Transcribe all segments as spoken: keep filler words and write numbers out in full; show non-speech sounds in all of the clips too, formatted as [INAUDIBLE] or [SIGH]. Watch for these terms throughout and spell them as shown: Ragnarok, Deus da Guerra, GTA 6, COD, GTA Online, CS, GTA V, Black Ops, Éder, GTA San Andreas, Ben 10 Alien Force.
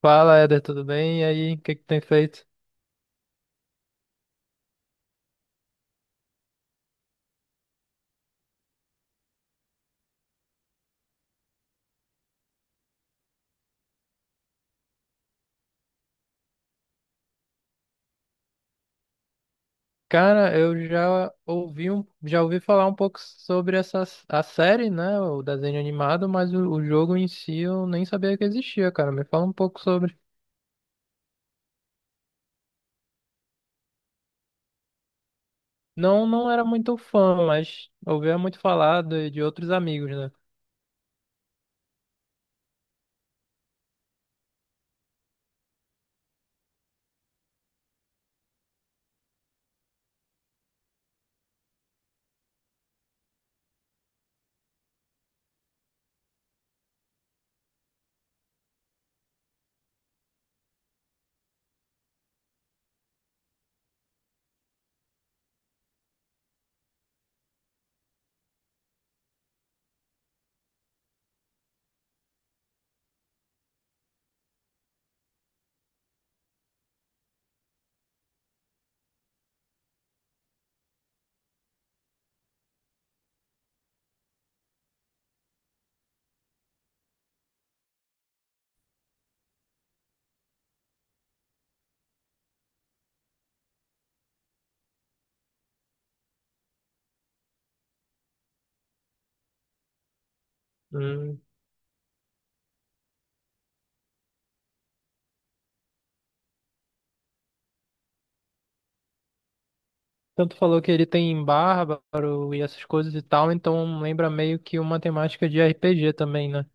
Fala, Éder, tudo bem? E aí, o que que tem feito? Cara, eu já ouvi um, já ouvi falar um pouco sobre essa a série, né? O desenho animado, mas o, o jogo em si eu nem sabia que existia, cara. Me fala um pouco sobre. Não, não era muito fã, mas ouvia muito falar de, de outros amigos, né? Hum. Tanto falou que ele tem bárbaro e essas coisas e tal, então lembra meio que uma temática de R P G também, né?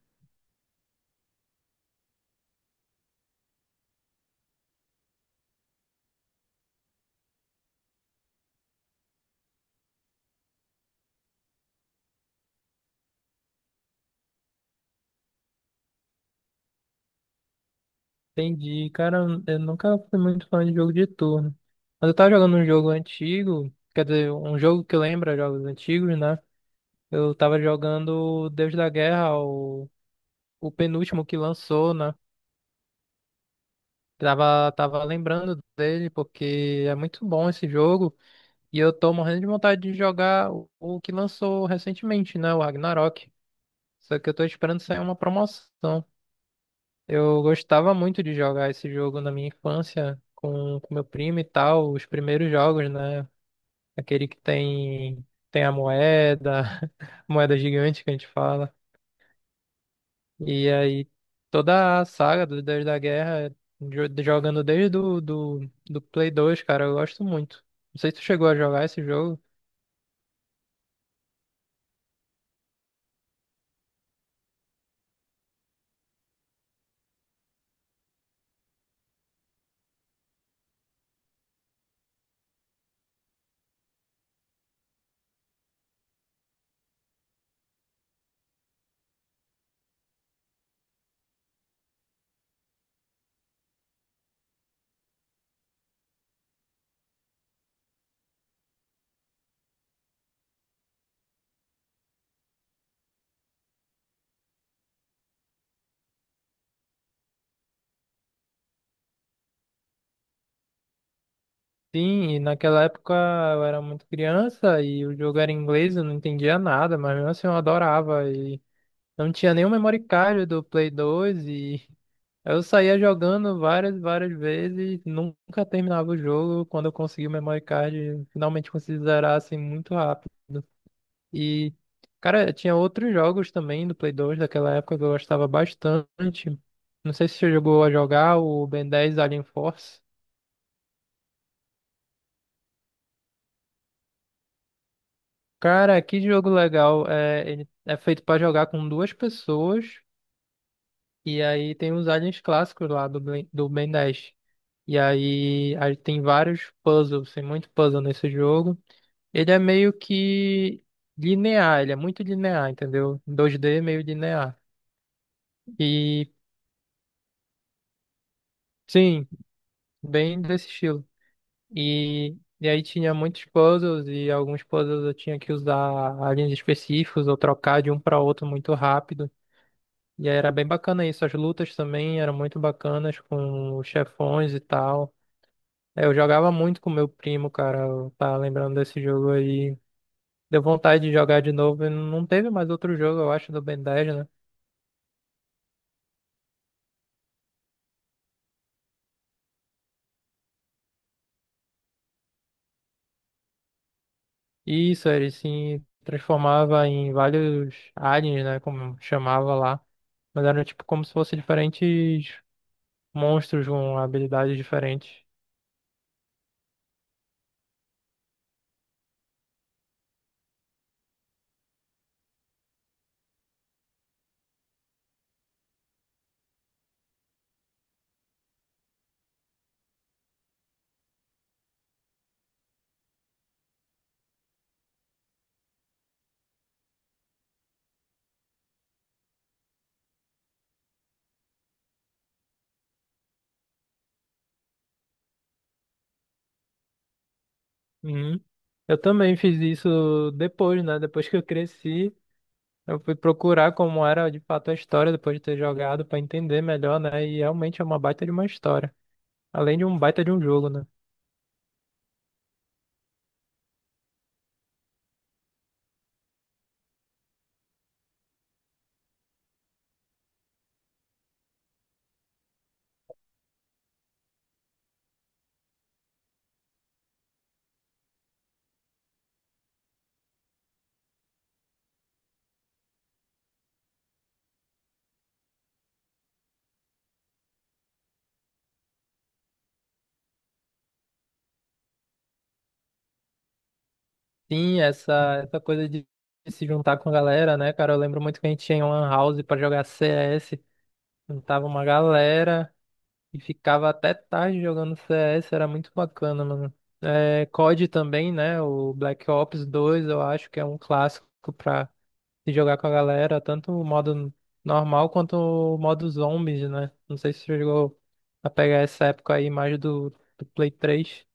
Entendi. Cara, eu nunca fui muito fã de jogo de turno. Mas eu tava jogando um jogo antigo, quer dizer, um jogo que lembra jogos antigos, né? Eu tava jogando o Deus da Guerra, o, o penúltimo que lançou, né? Tava, tava lembrando dele, porque é muito bom esse jogo. E eu tô morrendo de vontade de jogar o, o que lançou recentemente, né? O Ragnarok. Só que eu tô esperando sair uma promoção. Eu gostava muito de jogar esse jogo na minha infância com, com meu primo e tal, os primeiros jogos, né? Aquele que tem, tem a moeda, [LAUGHS] moeda gigante que a gente fala. E aí toda a saga do Deus da Guerra, jo- jogando desde do, do, do Play dois, cara, eu gosto muito. Não sei se tu chegou a jogar esse jogo. Sim, e naquela época eu era muito criança e o jogo era em inglês, eu não entendia nada, mas mesmo assim eu adorava. E não tinha nenhum memory card do Play dois e eu saía jogando várias, várias vezes, nunca terminava o jogo. Quando eu consegui o memory card, finalmente consegui zerar assim muito rápido. E, cara, tinha outros jogos também do Play dois daquela época que eu gostava bastante. Não sei se você jogou a jogar o Ben dez Alien Force. Cara, que jogo legal. É, ele é feito pra jogar com duas pessoas. E aí tem os aliens clássicos lá do Ben, do Ben dez. E aí, aí tem vários puzzles, tem muito puzzle nesse jogo. Ele é meio que linear, ele é muito linear, entendeu? dois D é meio linear. E sim, bem desse estilo. E, e aí tinha muitos puzzles e alguns puzzles eu tinha que usar aliens específicos ou trocar de um para outro muito rápido. E aí era bem bacana isso. As lutas também eram muito bacanas com os chefões e tal. É, eu jogava muito com meu primo, cara. Eu tava lembrando desse jogo aí. Deu vontade de jogar de novo. E não teve mais outro jogo, eu acho, do Ben dez, né? E isso, ele se transformava em vários aliens, né? Como chamava lá. Mas eram tipo como se fossem diferentes monstros com habilidades diferentes. Uhum. Eu também fiz isso depois, né? Depois que eu cresci, eu fui procurar como era de fato a história depois de ter jogado pra entender melhor, né? E realmente é uma baita de uma história. Além de um baita de um jogo, né? Sim, essa, essa coisa de se juntar com a galera, né, cara? Eu lembro muito que a gente tinha um lan house pra jogar C S, juntava uma galera e ficava até tarde jogando C S, era muito bacana, mano. É, C O D também, né? O Black Ops dois eu acho que é um clássico pra se jogar com a galera, tanto o modo normal quanto o modo zombies, né? Não sei se você chegou a pegar essa época aí mais do, do Play três.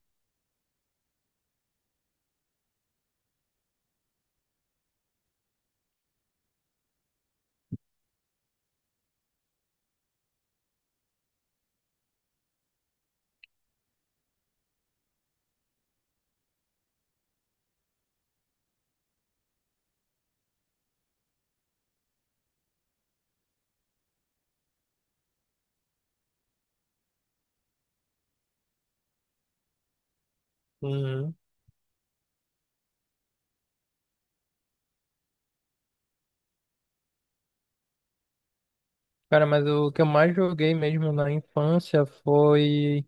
Cara, mas o que eu mais joguei mesmo na infância foi,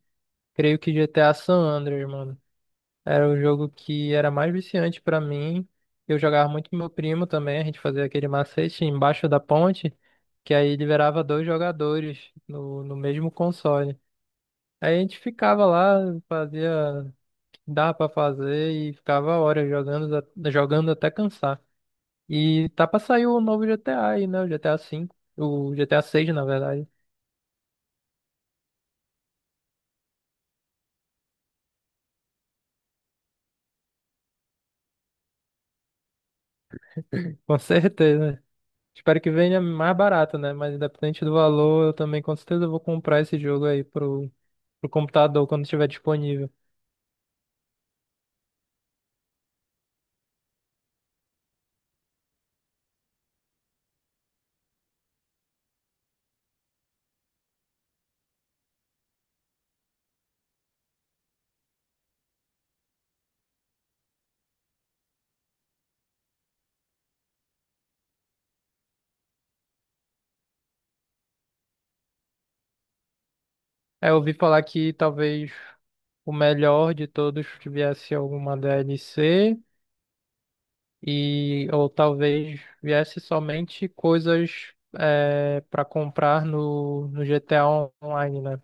creio que G T A San Andreas, mano. Era o jogo que era mais viciante pra mim. Eu jogava muito com meu primo também, a gente fazia aquele macete embaixo da ponte, que aí liberava dois jogadores no, no mesmo console. Aí a gente ficava lá, fazia o que dava pra fazer e ficava horas jogando, a- jogando até cansar. E tá pra sair o novo G T A aí, né? O G T A cinco, o G T A seis, na verdade. [LAUGHS] Com certeza. Espero que venha mais barato, né? Mas independente do valor, eu também com certeza vou comprar esse jogo aí pro, pro computador quando estiver disponível. É, eu ouvi falar que talvez o melhor de todos viesse alguma D L C e ou talvez viesse somente coisas é, para comprar no, no G T A Online, né?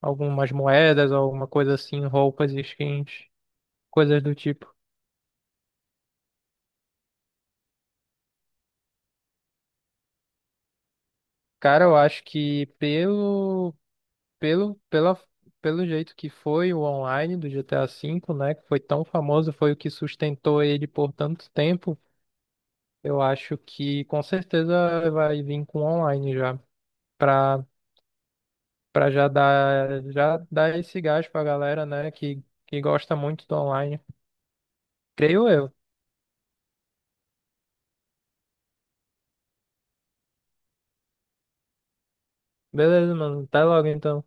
Algumas moedas, alguma coisa assim, roupas, skins, coisas do tipo. Cara, eu acho que pelo Pelo, pela, pelo jeito que foi o online do G T A cinco, né, que foi tão famoso, foi o que sustentou ele por tanto tempo, eu acho que com certeza vai vir com online já, pra, pra já dar, já dar esse gás pra galera, né, que, que gosta muito do online. Creio eu. Beleza, mano. Até logo então.